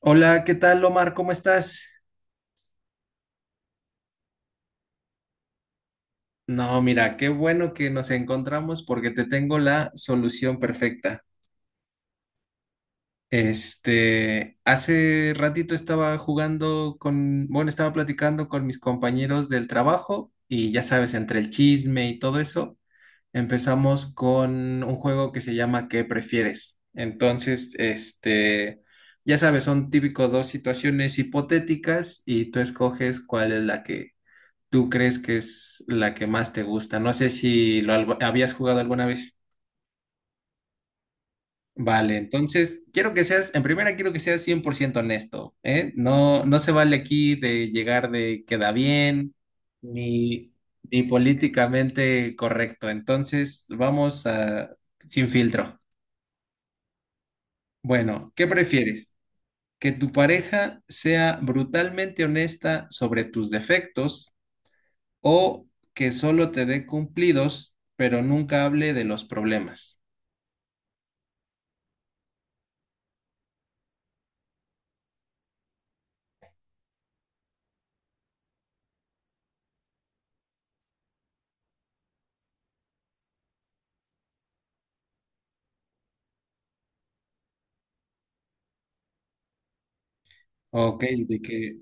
Hola, ¿qué tal, Omar? ¿Cómo estás? No, mira, qué bueno que nos encontramos porque te tengo la solución perfecta. Este, hace ratito estaba jugando con, bueno, estaba platicando con mis compañeros del trabajo y ya sabes, entre el chisme y todo eso, empezamos con un juego que se llama ¿qué prefieres? Entonces, este, ya sabes, son típico dos situaciones hipotéticas y tú escoges cuál es la que tú crees que es la que más te gusta. No sé si habías jugado alguna vez. Vale, entonces quiero que seas, en primera quiero que seas 100% honesto, ¿eh? No, no se vale aquí de llegar de queda bien, ni, ni políticamente correcto. Entonces vamos a, sin filtro. Bueno, ¿qué prefieres? ¿Que tu pareja sea brutalmente honesta sobre tus defectos? ¿O que solo te dé cumplidos, pero nunca hable de los problemas? OK, de que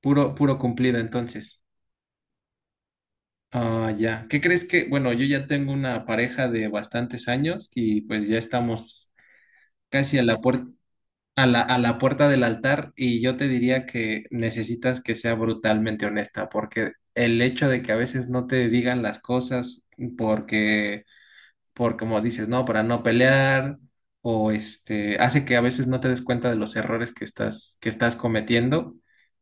puro, puro cumplido entonces. Ah, ya. ¿Qué crees que? Bueno, yo ya tengo una pareja de bastantes años y pues ya estamos casi a la puerta del altar y yo te diría que necesitas que sea brutalmente honesta porque el hecho de que a veces no te digan las cosas porque por como dices, ¿no? Para no pelear o este, hace que a veces no te des cuenta de los errores que estás cometiendo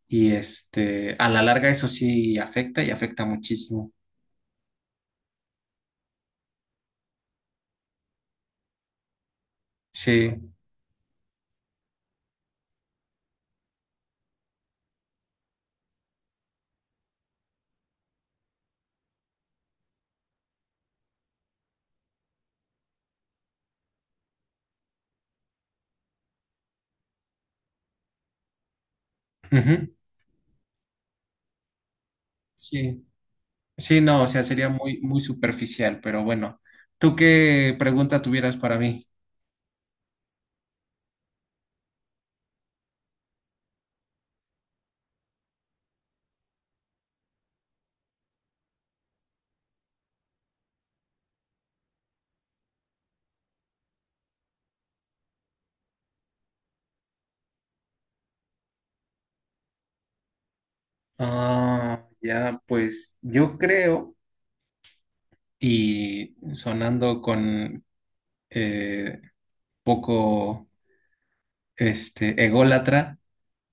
y este, a la larga eso sí afecta y afecta muchísimo. Sí, ujú, sí, sí, no, o sea, sería muy, muy superficial, pero bueno, ¿tú qué pregunta tuvieras para mí? Ah, ya, pues yo creo, y sonando con eh, poco este ególatra,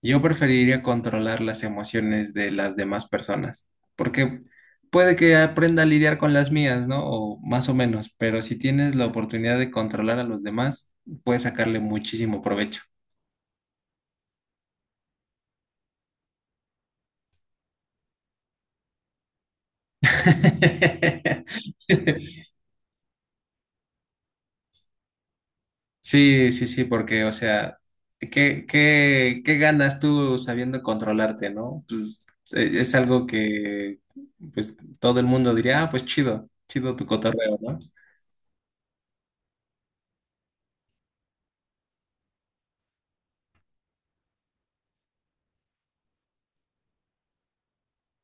yo preferiría controlar las emociones de las demás personas, porque puede que aprenda a lidiar con las mías, ¿no? O más o menos, pero si tienes la oportunidad de controlar a los demás, puedes sacarle muchísimo provecho. Sí, sí, sí, porque, o sea, ¿qué ganas tú sabiendo controlarte, ¿no? Pues es algo que, pues, todo el mundo diría, ah, pues chido, chido tu cotorreo, ¿no?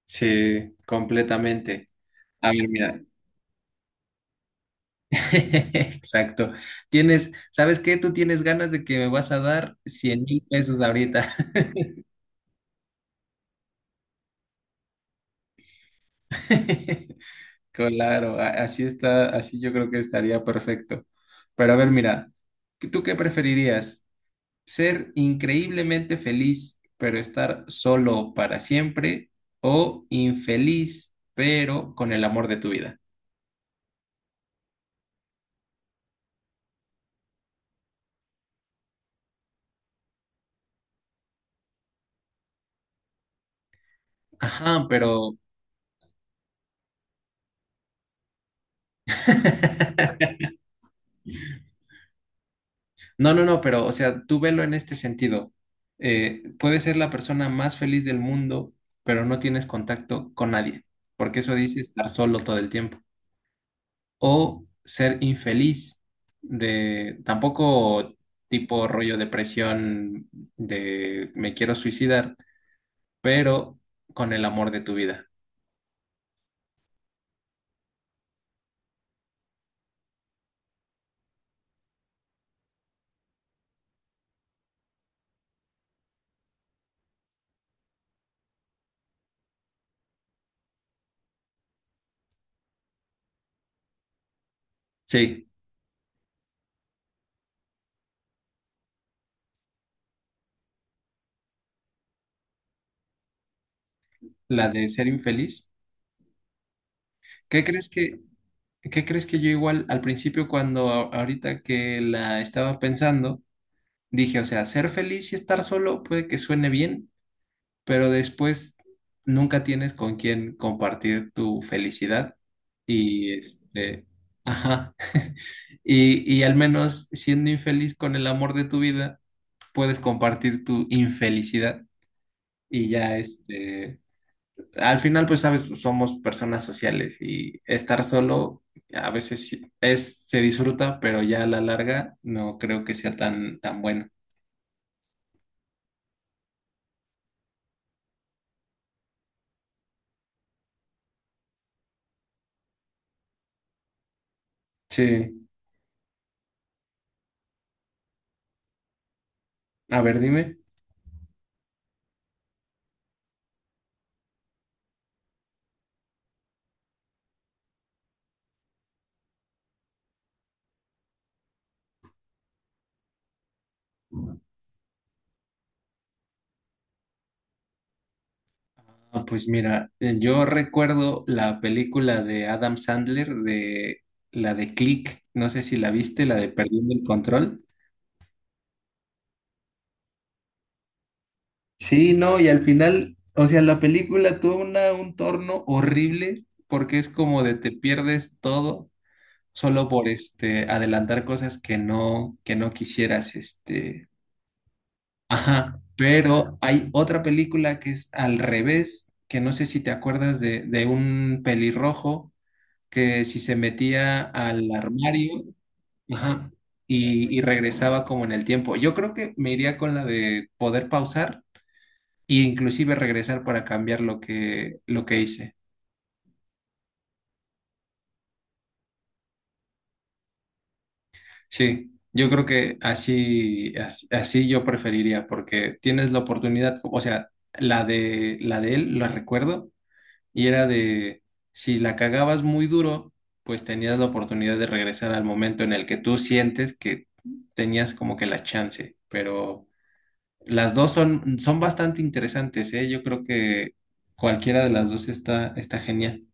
Sí, completamente. A ver, mira. Exacto. Tienes, ¿sabes qué? Tú tienes ganas de que me vas a dar 100,000 pesos ahorita. Claro, así está, así yo creo que estaría perfecto. Pero a ver, mira, ¿tú qué preferirías? ¿Ser increíblemente feliz, pero estar solo para siempre? ¿O infeliz, pero con el amor de tu vida? Ajá, pero no, no, no, pero, o sea, tú velo en este sentido. Puedes ser la persona más feliz del mundo, pero no tienes contacto con nadie, porque eso dice estar solo todo el tiempo. O ser infeliz, de tampoco tipo rollo depresión de me quiero suicidar, pero con el amor de tu vida. Sí, la de ser infeliz. ¿Qué crees que, qué crees que yo igual al principio cuando ahorita que la estaba pensando? Dije, o sea, ser feliz y estar solo puede que suene bien, pero después nunca tienes con quién compartir tu felicidad. Y este, ajá. Y al menos siendo infeliz con el amor de tu vida, puedes compartir tu infelicidad. Y ya este, al final, pues sabes, somos personas sociales y estar solo a veces sí es, se disfruta, pero ya a la larga no creo que sea tan, tan bueno. Sí. A ver, dime. Ah, pues mira, yo recuerdo la película de Adam Sandler de la de Click, no sé si la viste, la de Perdiendo el Control. Sí, no, y al final, o sea, la película tuvo una, un torno horrible porque es como de te pierdes todo solo por este adelantar cosas que no quisieras, este, ajá, pero hay otra película que es al revés, que no sé si te acuerdas de un pelirrojo que si se metía al armario, ajá, y regresaba como en el tiempo. Yo creo que me iría con la de poder pausar e inclusive regresar para cambiar lo que hice. Sí, yo creo que así, así, yo preferiría, porque tienes la oportunidad, o sea, la de él, la recuerdo, y era de, si la cagabas muy duro, pues tenías la oportunidad de regresar al momento en el que tú sientes que tenías como que la chance, pero las dos son bastante interesantes, ¿eh? Yo creo que cualquiera de las dos está, está genial.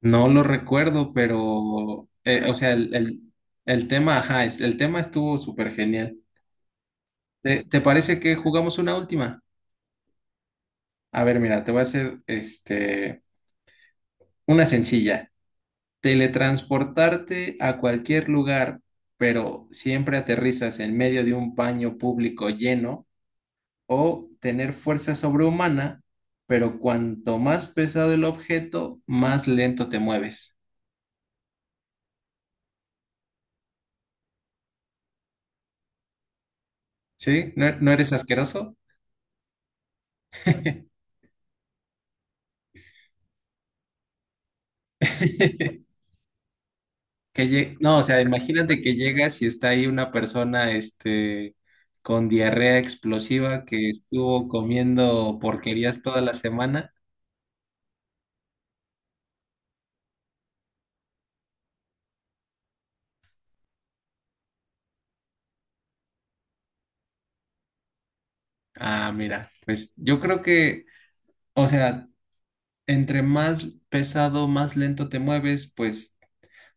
No lo recuerdo, pero, o sea, el tema, ajá, el tema estuvo súper genial. ¿Te parece que jugamos una última? A ver, mira, te voy a hacer, este, una sencilla. Teletransportarte a cualquier lugar, pero siempre aterrizas en medio de un baño público lleno, o tener fuerza sobrehumana, pero cuanto más pesado el objeto, más lento te mueves. ¿Sí? ¿No, no eres asqueroso? No, o sea, imagínate que llegas y está ahí una persona, este, con diarrea explosiva que estuvo comiendo porquerías toda la semana. Ah, mira, pues yo creo que, o sea, entre más pesado, más lento te mueves, pues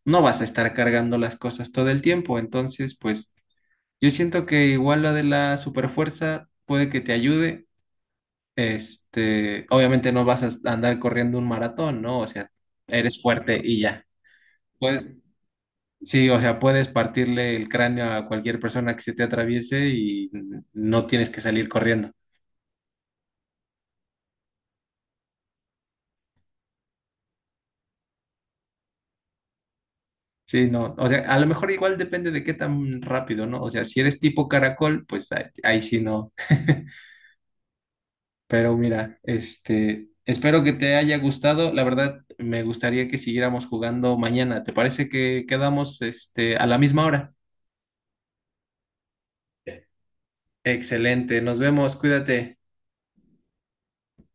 no vas a estar cargando las cosas todo el tiempo. Entonces, pues yo siento que igual lo de la superfuerza puede que te ayude. Este, obviamente no vas a andar corriendo un maratón, ¿no? O sea, eres fuerte y ya. Pues, sí, o sea, puedes partirle el cráneo a cualquier persona que se te atraviese y no tienes que salir corriendo. Sí, no. O sea, a lo mejor igual depende de qué tan rápido, ¿no? O sea, si eres tipo caracol, pues ahí, ahí sí no. Pero mira, este, espero que te haya gustado. La verdad, me gustaría que siguiéramos jugando mañana. ¿Te parece que quedamos, este, a la misma hora? Excelente, nos vemos, cuídate.